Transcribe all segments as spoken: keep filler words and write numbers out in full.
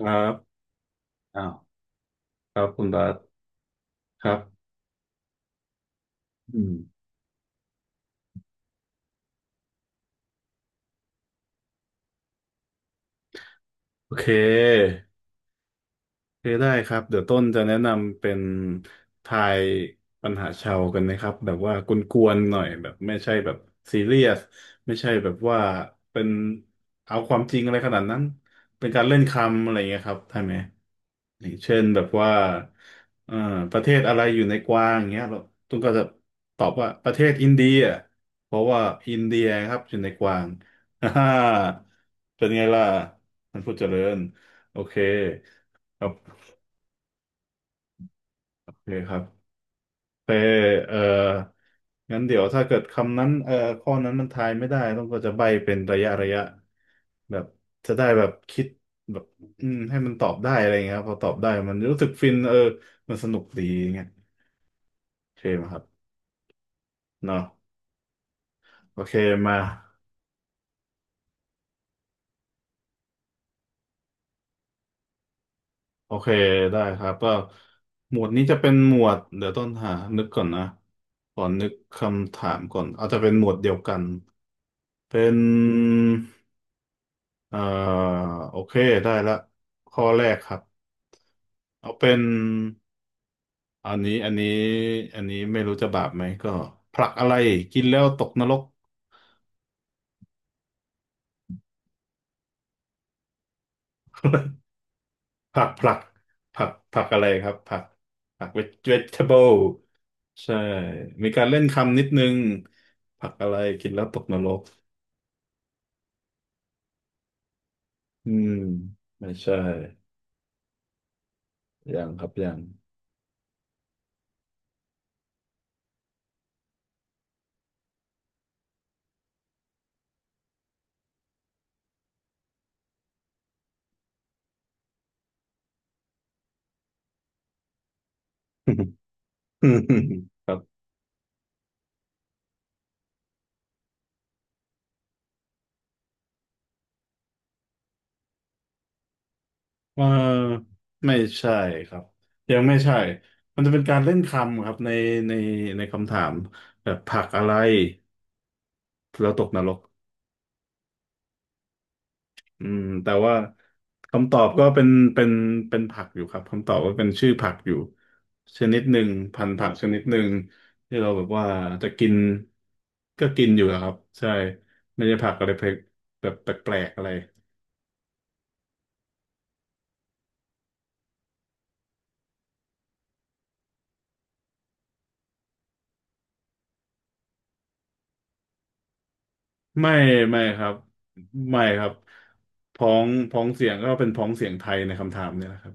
ครับอ้าวครับคุณบาสครับอืมโอเคโอเคได้ครับ เดี๋ยวต้นจะแนะนำเป็นทายปัญหาชาวกันนะครับแบบว่ากวนๆหน่อยแบบไม่ใช่แบบซีเรียส ไม่ใช่แบบว่าเป็นเอาความจริงอะไรขนาดนั้น เป็นการเล่นคำอะไรอย่างเงี้ยครับได้ไหม อย่างเช่นแบบว่าเอ่อประเทศอะไรอยู่ในกวางอย่างเงี้ยเราตุ้มก็จะตอบว่าประเทศอินเดียเพราะว่าอินเดียครับอยู่ในกวาง อ่าฮ่าเป็นไงล่ะท่านผู้เจริญโอเคครับโอเคครับแต่เอ่องั้นเดี๋ยวถ้าเกิดคำนั้นเอ่อข้อนั้นมันทายไม่ได้ต้องก็จะใบ้เป็นระยะระยะแบบจะได้แบบคิดแบบอืมให้มันตอบได้อะไรเงี้ยครับพอตอบได้มันรู้สึกฟินเออมันสนุกดีเงี้ย เคไหมครับเนาะโอเคมาโอเคได้ครับก็หมวดนี้จะเป็นหมวดเดี๋ยวต้นหานึกก่อนนะก่อนนึกคำถามก่อนอาจจะเป็นหมวดเดียวกันเป็นเอ่อโอเคได้ละข้อแรกครับเอาเป็นอันนี้อันนี้อันนี้ไม่รู้จะบาปไหมก็ผลักอะไรกินแล้วตกนรก ผักผักผักผักอะไรครับผักผัก vegetable ใช่มีการเล่นคำนิดนึงผักอะไรกินแล้วตกนรกอืมไม่ใช่ยังครับยังอืม ครับเอ่าไม่ใช่ครับยังไม่ใช่มันจะเป็นการเล่นคำครับในในในคำถามแบบผักอะไรแล้วตกนรก อืมแต่ว่าคำตอบก็เป็นเป็นเป็นผักอยู่ครับคำตอบก็เป็นชื่อผักอยู่ชนิดหนึ่งพันธุ์ผักชนิดหนึ่งที่เราแบบว่าจะกินก็กินอยู่อะครับใช่ไม่ใช่ผักอะไรแปลกแบบแปลกๆอะไรไม่ไม่ครับไม่ครับพ้องพ้องเสียงก็เป็นพ้องเสียงไทยในคำถามเนี่ยนะครับ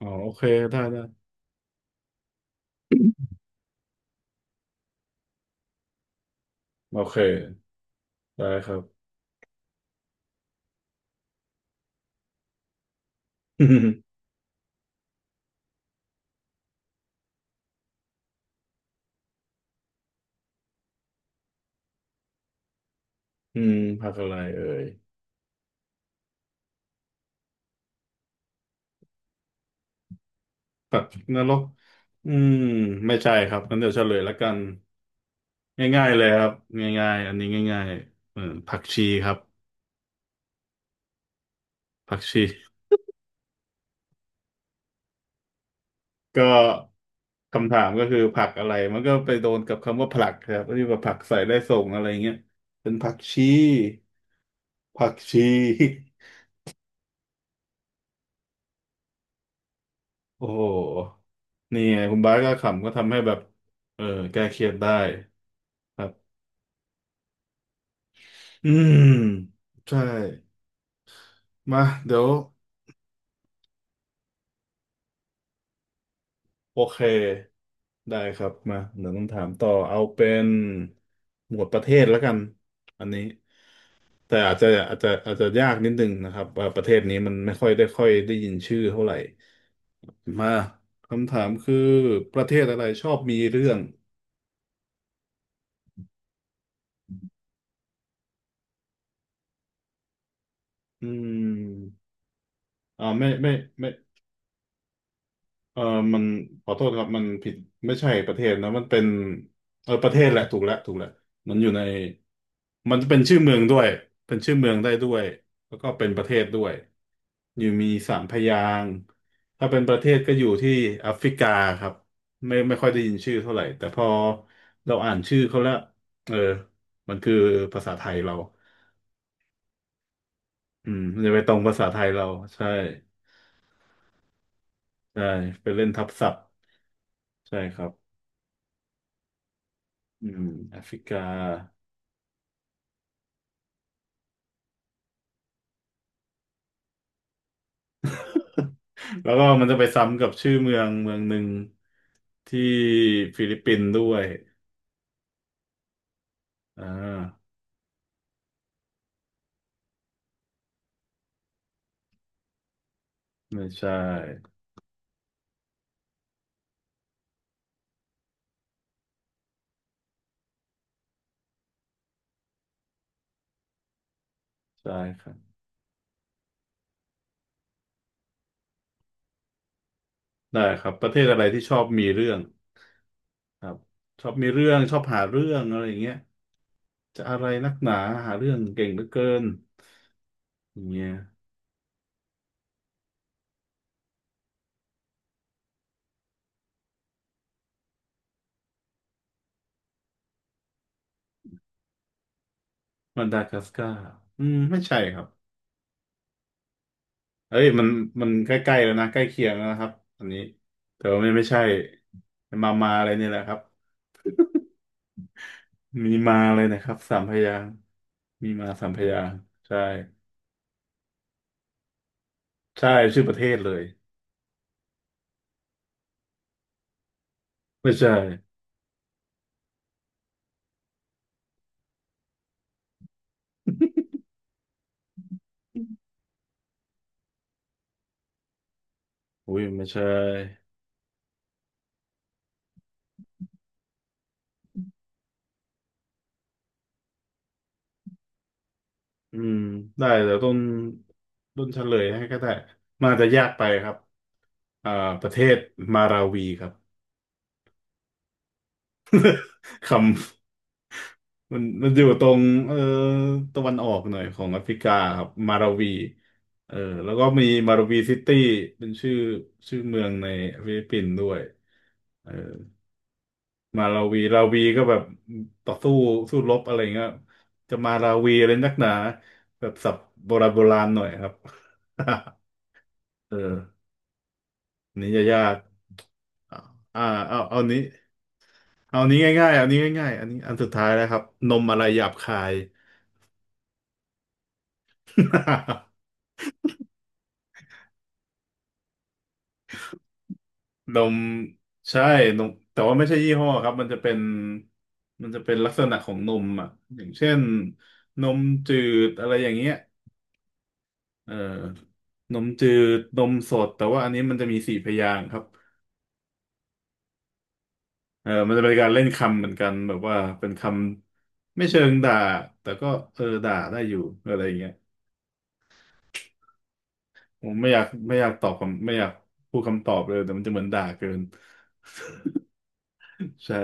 อ๋อโอเคได้ได้ โอเคได้ครับ อืมผักอะไรเอ่ย สัตว์นรกอืมไม่ใช่ครับงั้นเดี๋ยวเฉลยละกันง่ายๆเลยครับง่ายๆอันนี้ง่ายๆเออผักชีครับผักชีก็คำถามก็คือผักอะไรมันก็ไปโดนกับคำว่าผลักครับที่ว่าผักใส่ได้ส่งอะไรเงี้ยเป็นผักชีผักชี โอ้โหนี่ไงคุณบาสก็ขำก็ทำให้แบบเออแก้เครียดได้ครับอืมใช่มาเดี๋ยว โอเคได้ครับมาเดี๋ยวต้องถามต่อเอาเป็นหมวดประเทศแล้วกันอันนี้แต่อาจจะอาจจะอาจจะยากนิดนึงนะครับว่าประเทศนี้มันไม่ค่อยได้ค่อยได้ยินชื่อเท่าไหร่มาคำถามคือประเทศอะไรชอบมีเรื่องอืมอ่าไม่ไม่ไม่ เออมันขอโทษครับมันผิดไม่ใช่ประเทศนะมันเป็นเออประเทศแหละถูกแล้วถูกแล้วมันอยู่ในมันจะเป็นชื่อเมืองด้วย เป็นชื่อเมืองได้ด้วย แล้วก็เป็นประเทศด้วยอยู่มีสามพยางค์ถ้าเป็นประเทศก็อยู่ที่แอฟริกาครับไม่ไม่ค่อยได้ยินชื่อเท่าไหร่ แต่พอเราอ่านชื่อเขาแล้วเออ มันคือภาษาไทยเราอืมมันจะไปตรงภาษาไทยเราใช่ใช่ไปเล่นทับศัพท์ใช่ครับอืมแอฟริกา แล้วก็มันจะไปซ้ำกับชื่อเมืองเมืองหนึ่งที่ฟิลิปปินส์ด้วยอ่าไม่ใช่ใช่ครับได้ครับ ประเทศอะไรที่ชอบมีเรื่องครับชอบมีเรื่องชอบหาเรื่องอะไรอย่างเงี้ยจะอะไรนักหนาหาเรื่องเก่งเหลือเกินอย่างเงี้ยมันดากัสการ์อืมไม่ใช่ครับเอ้ยมันมันใกล้ๆแล้วนะ ใกล้เคียงแล้วนะครับอันนี้แต่ว่าไม่ไม่ใช่มามาอะไรนี่แหละครับ มีมาเลยนะครับสามพยางค์มีมาสามพยางค์ใช่ใช่ชื่อประเทศเลยไม่ใช่อุ้ยไม่ใช่อืมได้เดี๋ยวต้นต้นเฉลยให้ก็ได้มาจจะยากไปครับอ่าประเทศมาราวีครับคำมันมันอยู่ตรงเออตะวันออกหน่อยของแอฟริกาครับมาราวีเออแล้วก็มีมาราวีซิตี้เป็นชื่อชื่อเมืองในฟิลิปปินส์ด้วยเออ มาลาวีลาวีก็แบบต่อสู้สู้รบอะไรเงี้ยจะมาลาวีอะไรนักหนาแบบศัพท์โบราณโบราณหน่อยครับ เอออันนี้จะยากอ่าเอาเอานี้เอานี้ง่ายๆเอานี้ง่ายๆอันนี้อันสุดท้ายแล้วครับนมอะไรหยาบคาย นมใช่นมแต่ว่าไม่ใช่ยี่ห้อครับมันจะเป็นมันจะเป็นลักษณะของนมอ่ะอย่างเช่นนมจืดอะไรอย่างเงี้ย เอ่อนมจืดนมสดแต่ว่าอันนี้มันจะมีสี่พยางค์ครับเออมันจะเป็นการเล่นคำเหมือนกันแบบว่าเป็นคำไม่เชิงด่าแต่ก็เออด่าได้อยู่อะไรอย่างเงี้ยผมไม่อยากไม่อยากตอบคำไม่อยากพูดคำตอบเลยแต่มันจะเหมือนด่าเกิน ใช่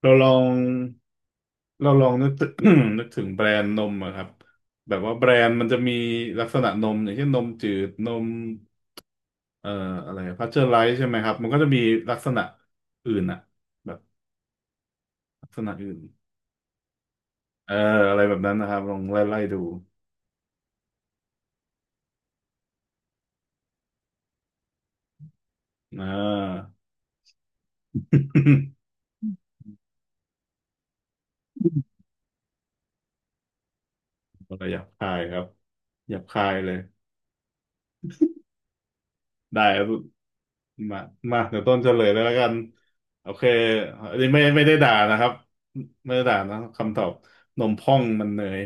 เราลองเราลองนึกถึง นึกถึงแบรนด์นมอะครับแบบว่าแบรนด์มันจะมีลักษณะนมอย่างเช่นนมจืดนมเอ่ออะไรพาสเจอร์ไรส์ใช่ไหมครับมันก็จะมีลักษณะอื่นอะแบบ ลักษณะอื่นเอออะไรแบบนั้นนะครับลองไล่ไล่ดูอ่า อะไรหยาบคายครับหยาบคายเลยได้ครับมามาเดี๋ยวต้นเฉลยเลยแล้วกันโอเคอันนี้ไม่ไม่ได้ด่านะครับไม่ได้ด่านะคำตอบนมพ่องมันเนย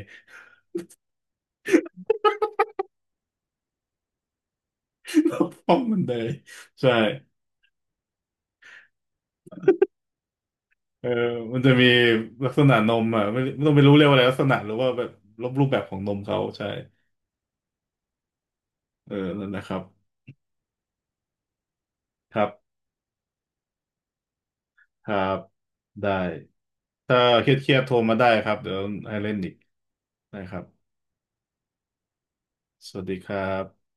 นมพ่องมันเนยใช่เออมันจะมีลักษณะนมอ่ะไม่ไม่ต้องไปรู้เรียกว่าอะไรลักษณะหรือว่าแบบรูปแบบของนมเขาใช่เออนั่นนะครับครับครับได้ ถ้าเครียดๆโทรมาได้ครับเดี๋ยวให้เล่นอีกนะครับสวัสดีครับ